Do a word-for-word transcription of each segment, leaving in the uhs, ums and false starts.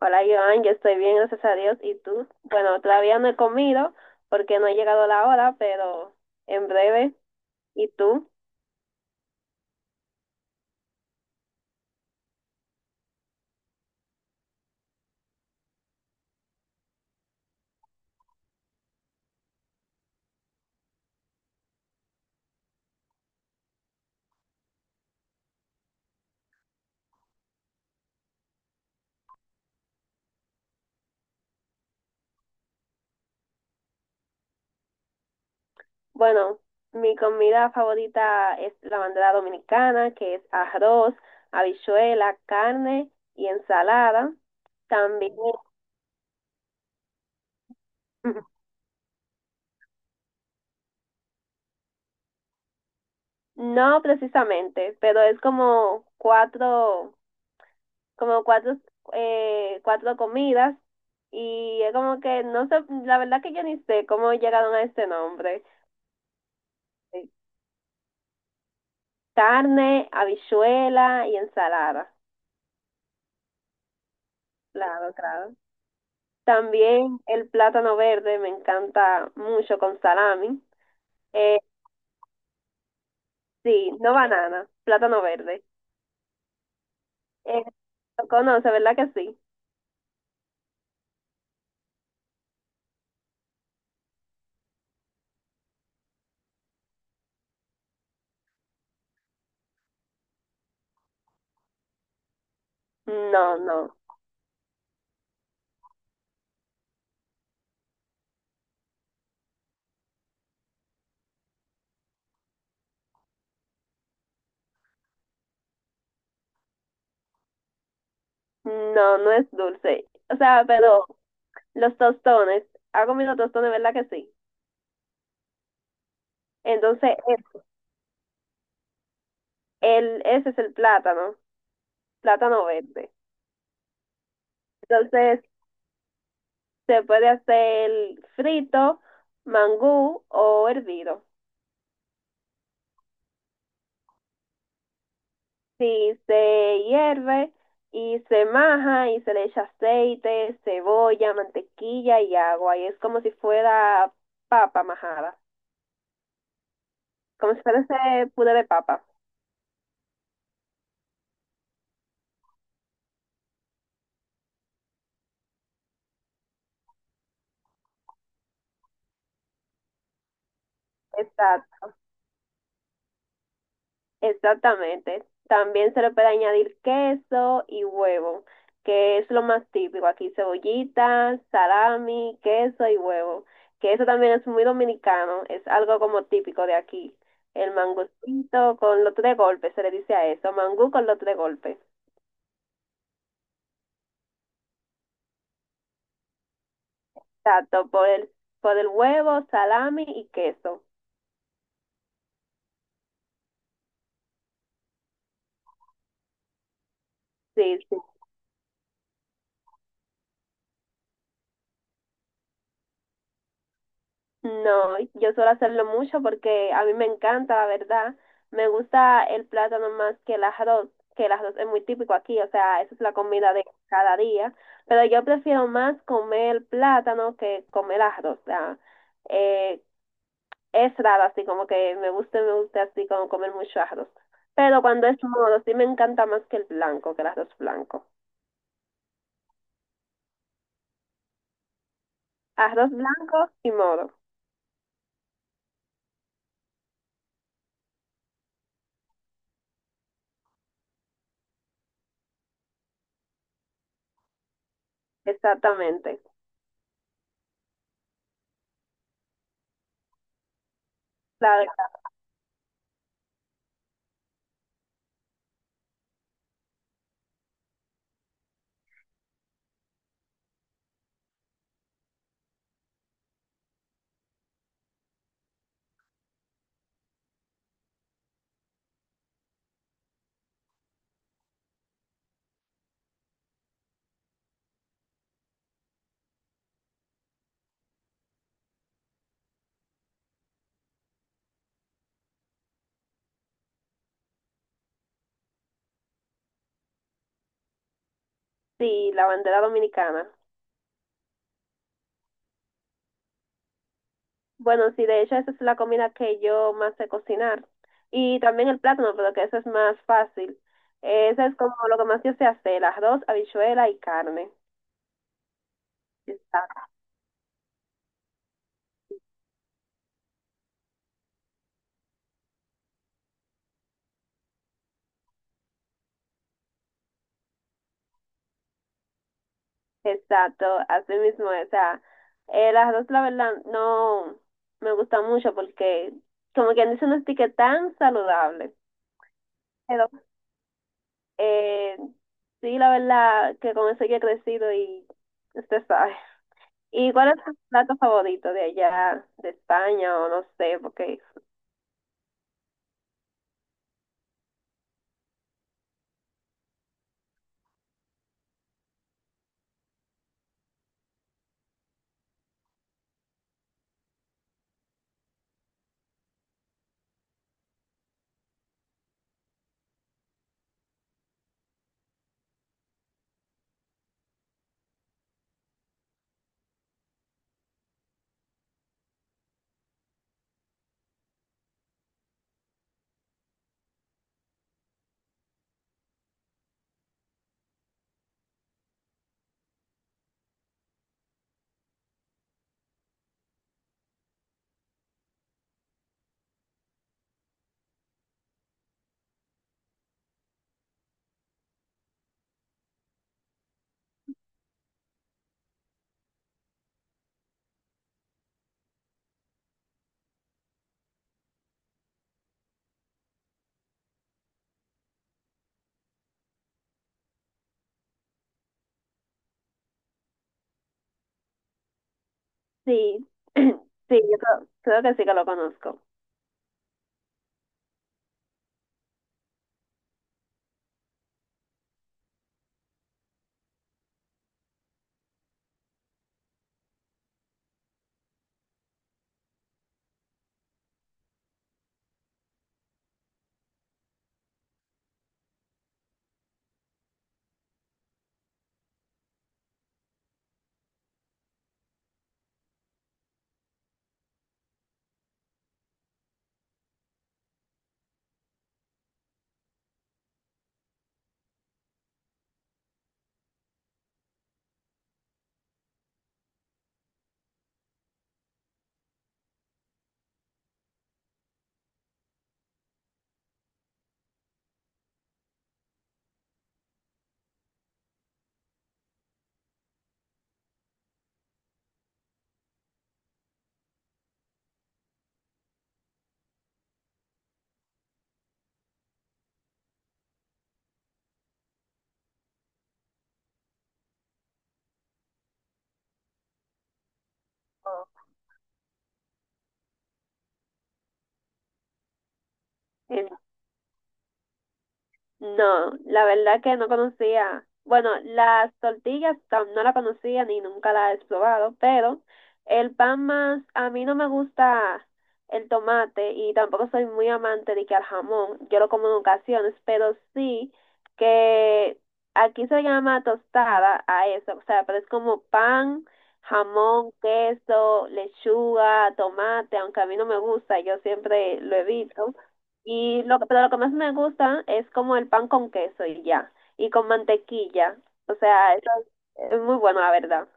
Hola Joan, yo estoy bien, gracias a Dios. ¿Y tú? Bueno, todavía no he comido porque no he llegado la hora, pero en breve. ¿Y tú? Bueno, mi comida favorita es la bandera dominicana, que es arroz, habichuela, carne y ensalada. También, no precisamente, pero es como cuatro, como cuatro, eh, cuatro comidas y es como que no sé, la verdad que yo ni sé cómo llegaron a este nombre. Sí. Carne, habichuela y ensalada. Claro, claro. También el plátano verde me encanta mucho con salami. Eh, sí, no banana, plátano verde. Eh, lo conoce, ¿verdad que sí? No, no, no, no es dulce. O sea, pero los tostones, ha comido tostones, ¿verdad que sí? Entonces, el, el- ese es el plátano, plátano verde. Entonces, se puede hacer frito, mangú o hervido. Sí, se hierve y se maja y se le echa aceite, cebolla, mantequilla y agua. Y es como si fuera papa majada, como si fuera ese puré de papa. Exacto. Exactamente. También se le puede añadir queso y huevo, que es lo más típico. Aquí cebollitas, salami, queso y huevo, que eso también es muy dominicano, es algo como típico de aquí. El mangucito con los tres golpes, se le dice a eso, mangú con los tres golpes. Exacto, por el, por el huevo, salami y queso. Sí, sí. No, yo suelo hacerlo mucho porque a mí me encanta, la verdad. Me gusta el plátano más que el arroz, que el arroz es muy típico aquí, o sea, esa es la comida de cada día. Pero yo prefiero más comer plátano que comer arroz. O sea, eh, es raro así, como que me gusta, me gusta así como comer mucho arroz. Pero cuando es moro, sí me encanta más que el blanco, que el arroz blanco. Arroz blanco y moro, exactamente. La, sí, la bandera dominicana. Bueno, sí, de hecho esa es la comida que yo más sé cocinar. Y también el plátano, pero que eso es más fácil. Eso es como lo que más yo sé hacer, arroz, habichuela y carne. Exacto. Exacto, así mismo. O sea, el arroz la verdad no me gusta mucho porque como quien dice no es que tan saludable. Pero eh, sí, la verdad que con eso yo he crecido y usted sabe. ¿Y cuál es tu plato favorito de allá, de España o no sé, porque... Sí, sí, yo creo, creo que sí que lo conozco. Oh, en no, la verdad que no conocía. Bueno, las tortillas tam- no la conocía ni nunca la he probado, pero el pan más, a mí no me gusta el tomate y tampoco soy muy amante de que al jamón, yo lo como en ocasiones, pero sí que aquí se llama tostada a eso, o sea, pero es como pan, jamón, queso, lechuga, tomate, aunque a mí no me gusta, yo siempre lo evito. Y lo que, pero lo que más me gusta es como el pan con queso y ya, y con mantequilla. O sea, eso es es muy bueno, la verdad.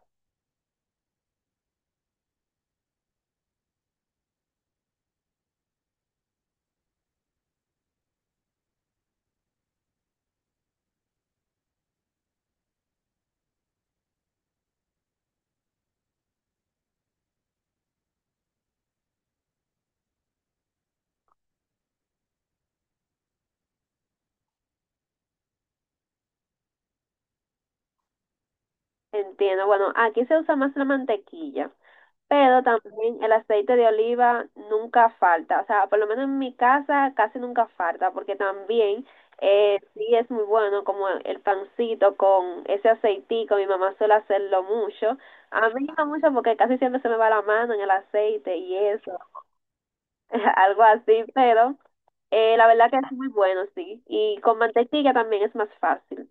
Entiendo. Bueno, aquí se usa más la mantequilla, pero también el aceite de oliva nunca falta. O sea, por lo menos en mi casa casi nunca falta, porque también eh, sí es muy bueno como el pancito con ese aceitico. Mi mamá suele hacerlo mucho. A mí no mucho porque casi siempre se me va la mano en el aceite y eso, algo así, pero... Eh, la verdad que es muy bueno, sí. Y con mantequilla también es más fácil.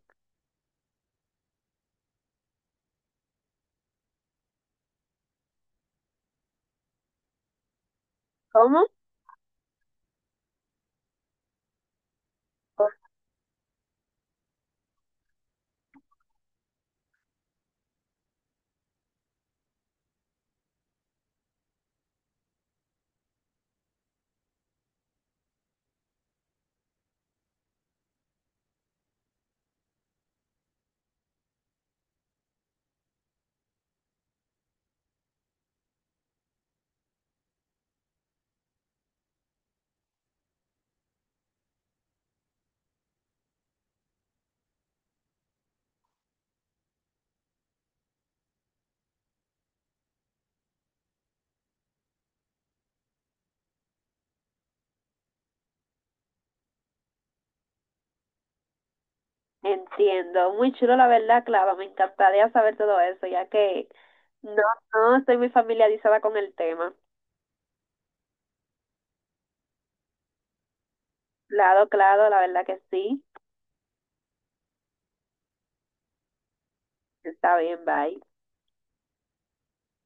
¿Cómo? Pues entiendo. Muy chulo, la verdad, Clava. Me encantaría saber todo eso, ya que no, no estoy muy familiarizada con el tema. Claro, claro, la verdad que sí. Está bien, bye.